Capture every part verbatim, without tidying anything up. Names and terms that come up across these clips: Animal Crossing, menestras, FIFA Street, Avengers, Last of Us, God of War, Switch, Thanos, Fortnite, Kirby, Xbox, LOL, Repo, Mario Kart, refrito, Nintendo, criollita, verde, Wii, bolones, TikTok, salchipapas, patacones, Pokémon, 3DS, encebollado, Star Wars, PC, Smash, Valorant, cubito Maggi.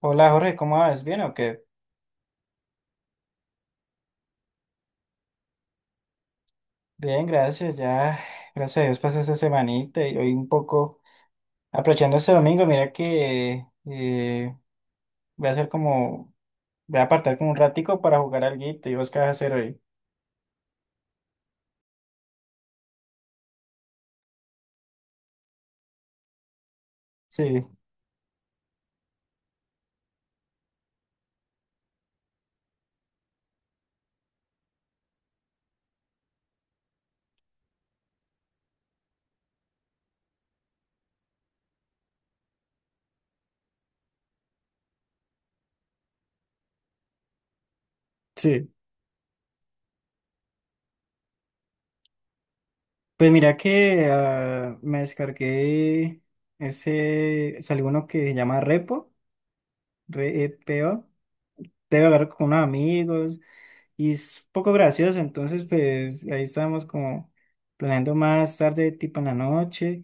Hola Jorge, ¿cómo vas? ¿Bien o qué? Bien, gracias. Ya, gracias a Dios pasé esta semanita y hoy un poco aprovechando este domingo, mira que eh, voy a hacer como, voy a apartar como un ratico para jugar alguito. ¿Y vos qué vas a hacer hoy? Sí, sí. Pues mira que ah, me descargué ese, salió uno que se llama Repo, Repo. Debe hablar con unos amigos y es un poco gracioso, entonces pues ahí estábamos como planeando más tarde, tipo en la noche,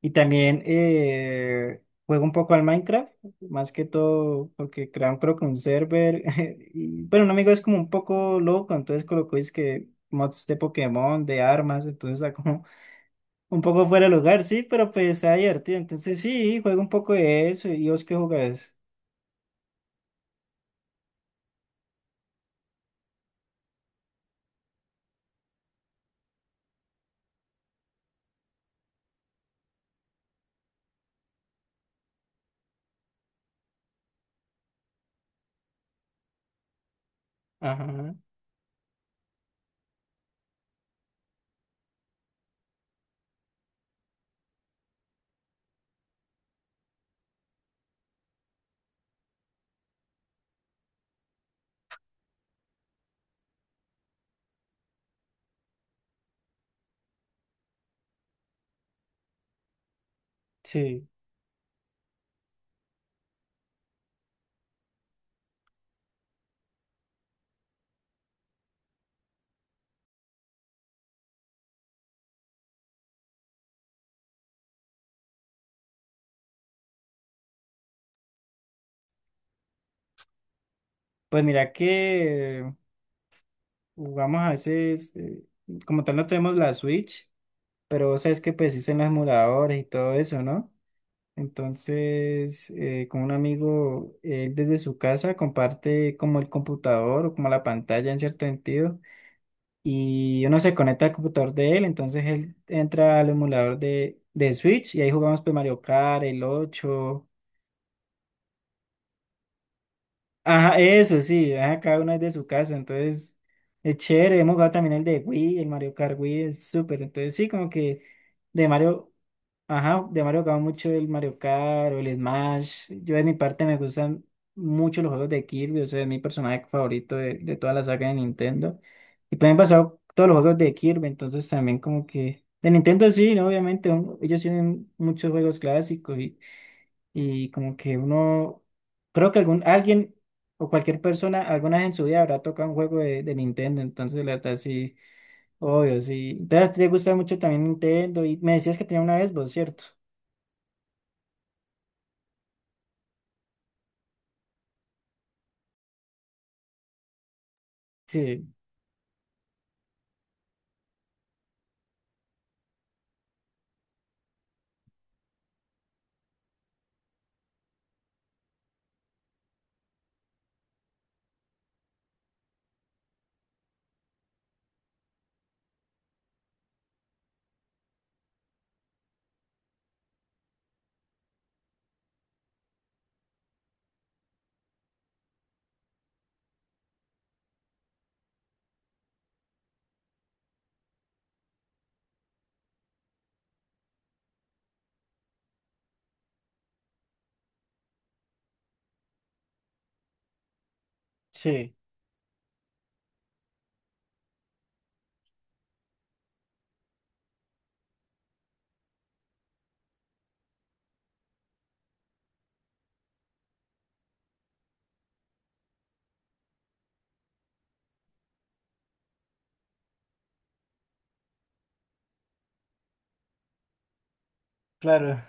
y también eh, juego un poco al Minecraft, más que todo porque crearon creo que un server, y, pero un amigo es como un poco loco, entonces colocó es que mods de Pokémon, de armas, entonces está como un poco fuera de lugar, sí, pero pues está divertido, entonces sí, juego un poco de eso, y vos qué jugás, ajá, sí. Pues mira que jugamos a veces, eh, como tal no tenemos la Switch, pero vos sabes que pues en los emuladores y todo eso, ¿no? Entonces, eh, con un amigo, él desde su casa comparte como el computador o como la pantalla en cierto sentido, y uno se conecta al computador de él, entonces él entra al emulador de, de Switch y ahí jugamos pues Mario Kart, el ocho. Ajá, eso sí, ajá, cada uno es de su casa, entonces es chévere. Hemos jugado también el de Wii, el Mario Kart Wii es súper. Entonces sí, como que de Mario, ajá, de Mario jugaba mucho el Mario Kart o el Smash. Yo de mi parte me gustan mucho los juegos de Kirby, o sea, es mi personaje favorito de, de toda la saga de Nintendo. Y pues me han pasado todos los juegos de Kirby, entonces también como que de Nintendo sí, ¿no? Obviamente un- ellos tienen muchos juegos clásicos y como que uno, creo que algún, alguien o cualquier persona alguna vez en su vida habrá tocado un juego de, de Nintendo, entonces la verdad sí, obvio, sí. Entonces a ti te gusta mucho también Nintendo y me decías que tenía una Xbox, ¿cierto? Sí, sí, claro.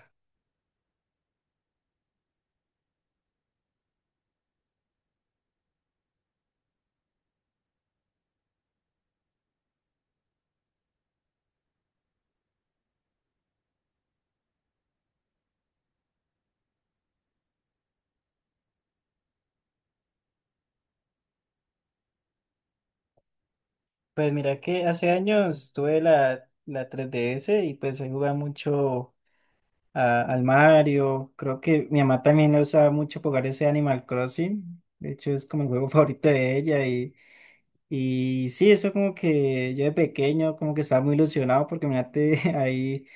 Pues mira que hace años tuve la, la tres D S y pues ahí jugaba mucho a- al Mario. Creo que mi mamá también la usaba mucho para jugar ese Animal Crossing. De hecho, es como el juego favorito de ella. Y sí, eso como que yo de pequeño como que estaba muy ilusionado porque mirate ahí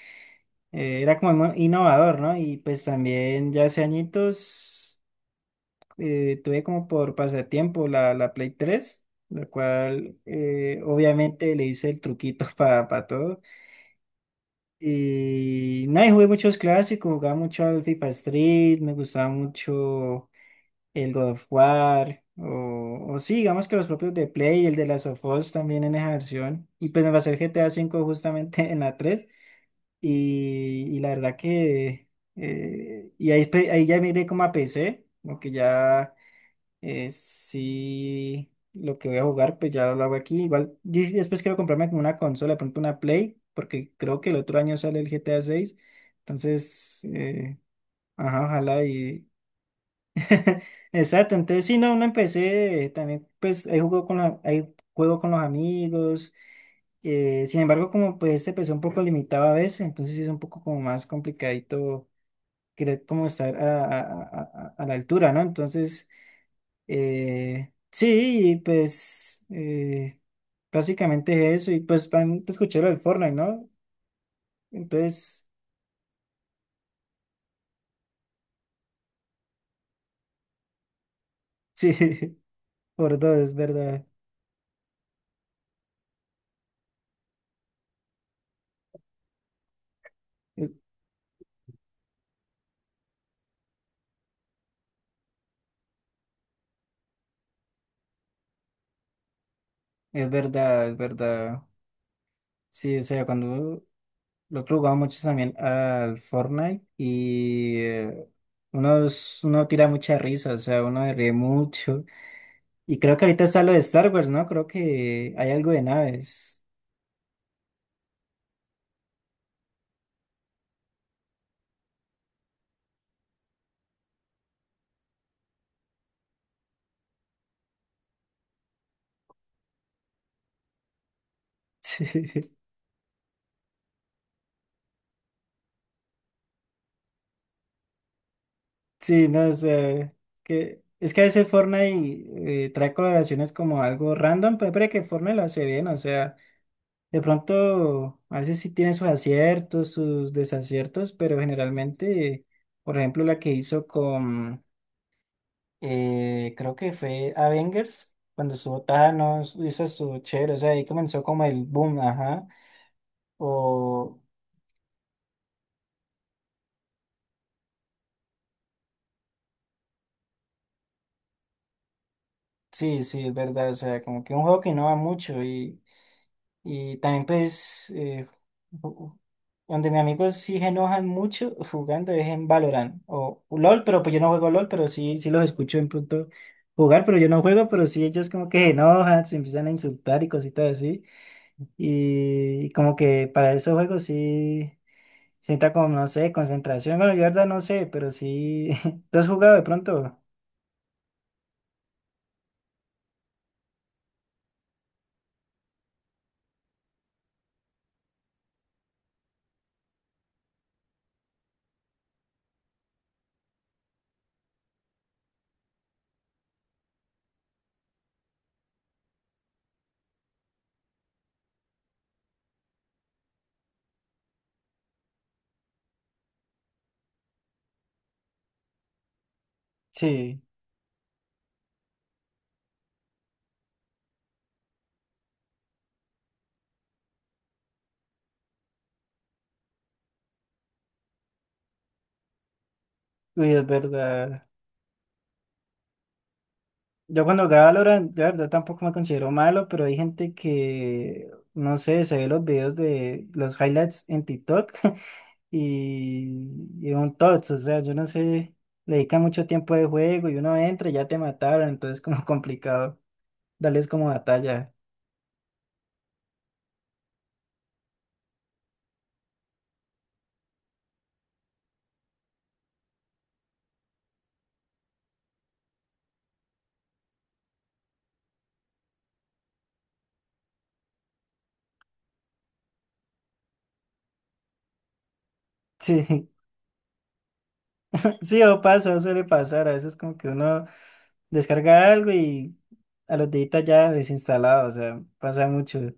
eh, era como muy innovador, ¿no? Y pues también ya hace añitos eh, tuve como por pasatiempo la, la Play tres, la cual eh, obviamente le hice el truquito para todo. Y nada, y jugué muchos clásicos, jugaba mucho al FIFA Street, me gustaba mucho el God of War, o, o sí, digamos que los propios de Play, el de Last of Us también en esa versión, y pues me pasé el G T A cinco justamente en la tres y, y la verdad que, eh, y ahí, pe- ahí ya miré como a P C, como que ya eh, sí, lo que voy a jugar, pues ya lo hago aquí, igual y después quiero comprarme como una consola, de pronto una Play, porque creo que el otro año sale el G T A seis, entonces, eh, ajá, ojalá. Exacto, entonces sí, no, no empecé, también pues ahí juego con la, ahí juego con los amigos, eh, sin embargo como pues se empezó un poco limitado a veces, entonces sí es un poco como más complicadito querer como estar a, a- a- a- a la altura, ¿no? Entonces, eh, sí, y, pues eh, básicamente es eso, y pues también te escuché lo del Fortnite, ¿no? Entonces, sí, por dos, es verdad, es es verdad, es verdad. Sí, o sea, cuando lo otro jugaba mucho también al Fortnite y eh, uno, es- uno tira mucha risa, o sea, uno ríe mucho. Y creo que ahorita está lo de Star Wars, ¿no? Creo que hay algo de naves. Sí, sí, no, o sea, que, es que a veces Fortnite eh, trae colaboraciones como algo random, pero parece que Fortnite lo hace bien, o sea, de pronto a veces sí tiene sus aciertos, sus desaciertos, pero generalmente, por ejemplo, la que hizo con... Eh, creo que fue Avengers, cuando estuvo Thanos, y eso estuvo chévere, o sea, ahí comenzó como el boom, ajá. O sí, sí, es verdad, o sea, como que un juego que innova mucho y, y también pues eh, ju- donde mis amigos sí se enojan mucho jugando es en Valorant o LOL, pero pues yo no juego LOL, pero sí, sí los escucho en pronto jugar, pero yo no juego, pero sí ellos como que se enojan, se empiezan a insultar y cositas así. Y como que para esos juegos sí. Sienta como, no sé, concentración. Bueno, yo la verdad no sé, pero sí. ¿Tú has jugado de pronto? Sí, uy, es verdad. Yo cuando jugaba Valorant, yo la verdad tampoco me considero malo, pero hay gente que, no sé, se ve los videos de los highlights en TikTok y, y un tots, o sea, yo no sé, le dedican mucho tiempo de juego y uno entra y ya te mataron, entonces como complicado darles como batalla. Sí. Sí, o pasa, suele pasar. A veces como que uno descarga algo y a los deditos ya desinstalado, o sea, pasa mucho.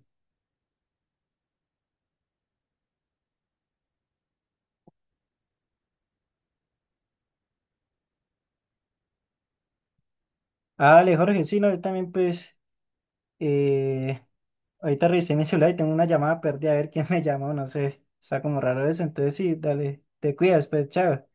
Ah, vale, Jorge, sí, no, yo también pues, eh, ahorita revisé mi celular y tengo una llamada perdida, a ver quién me llamó, no sé, está como raro eso, entonces sí, dale, te cuidas, pues, chao.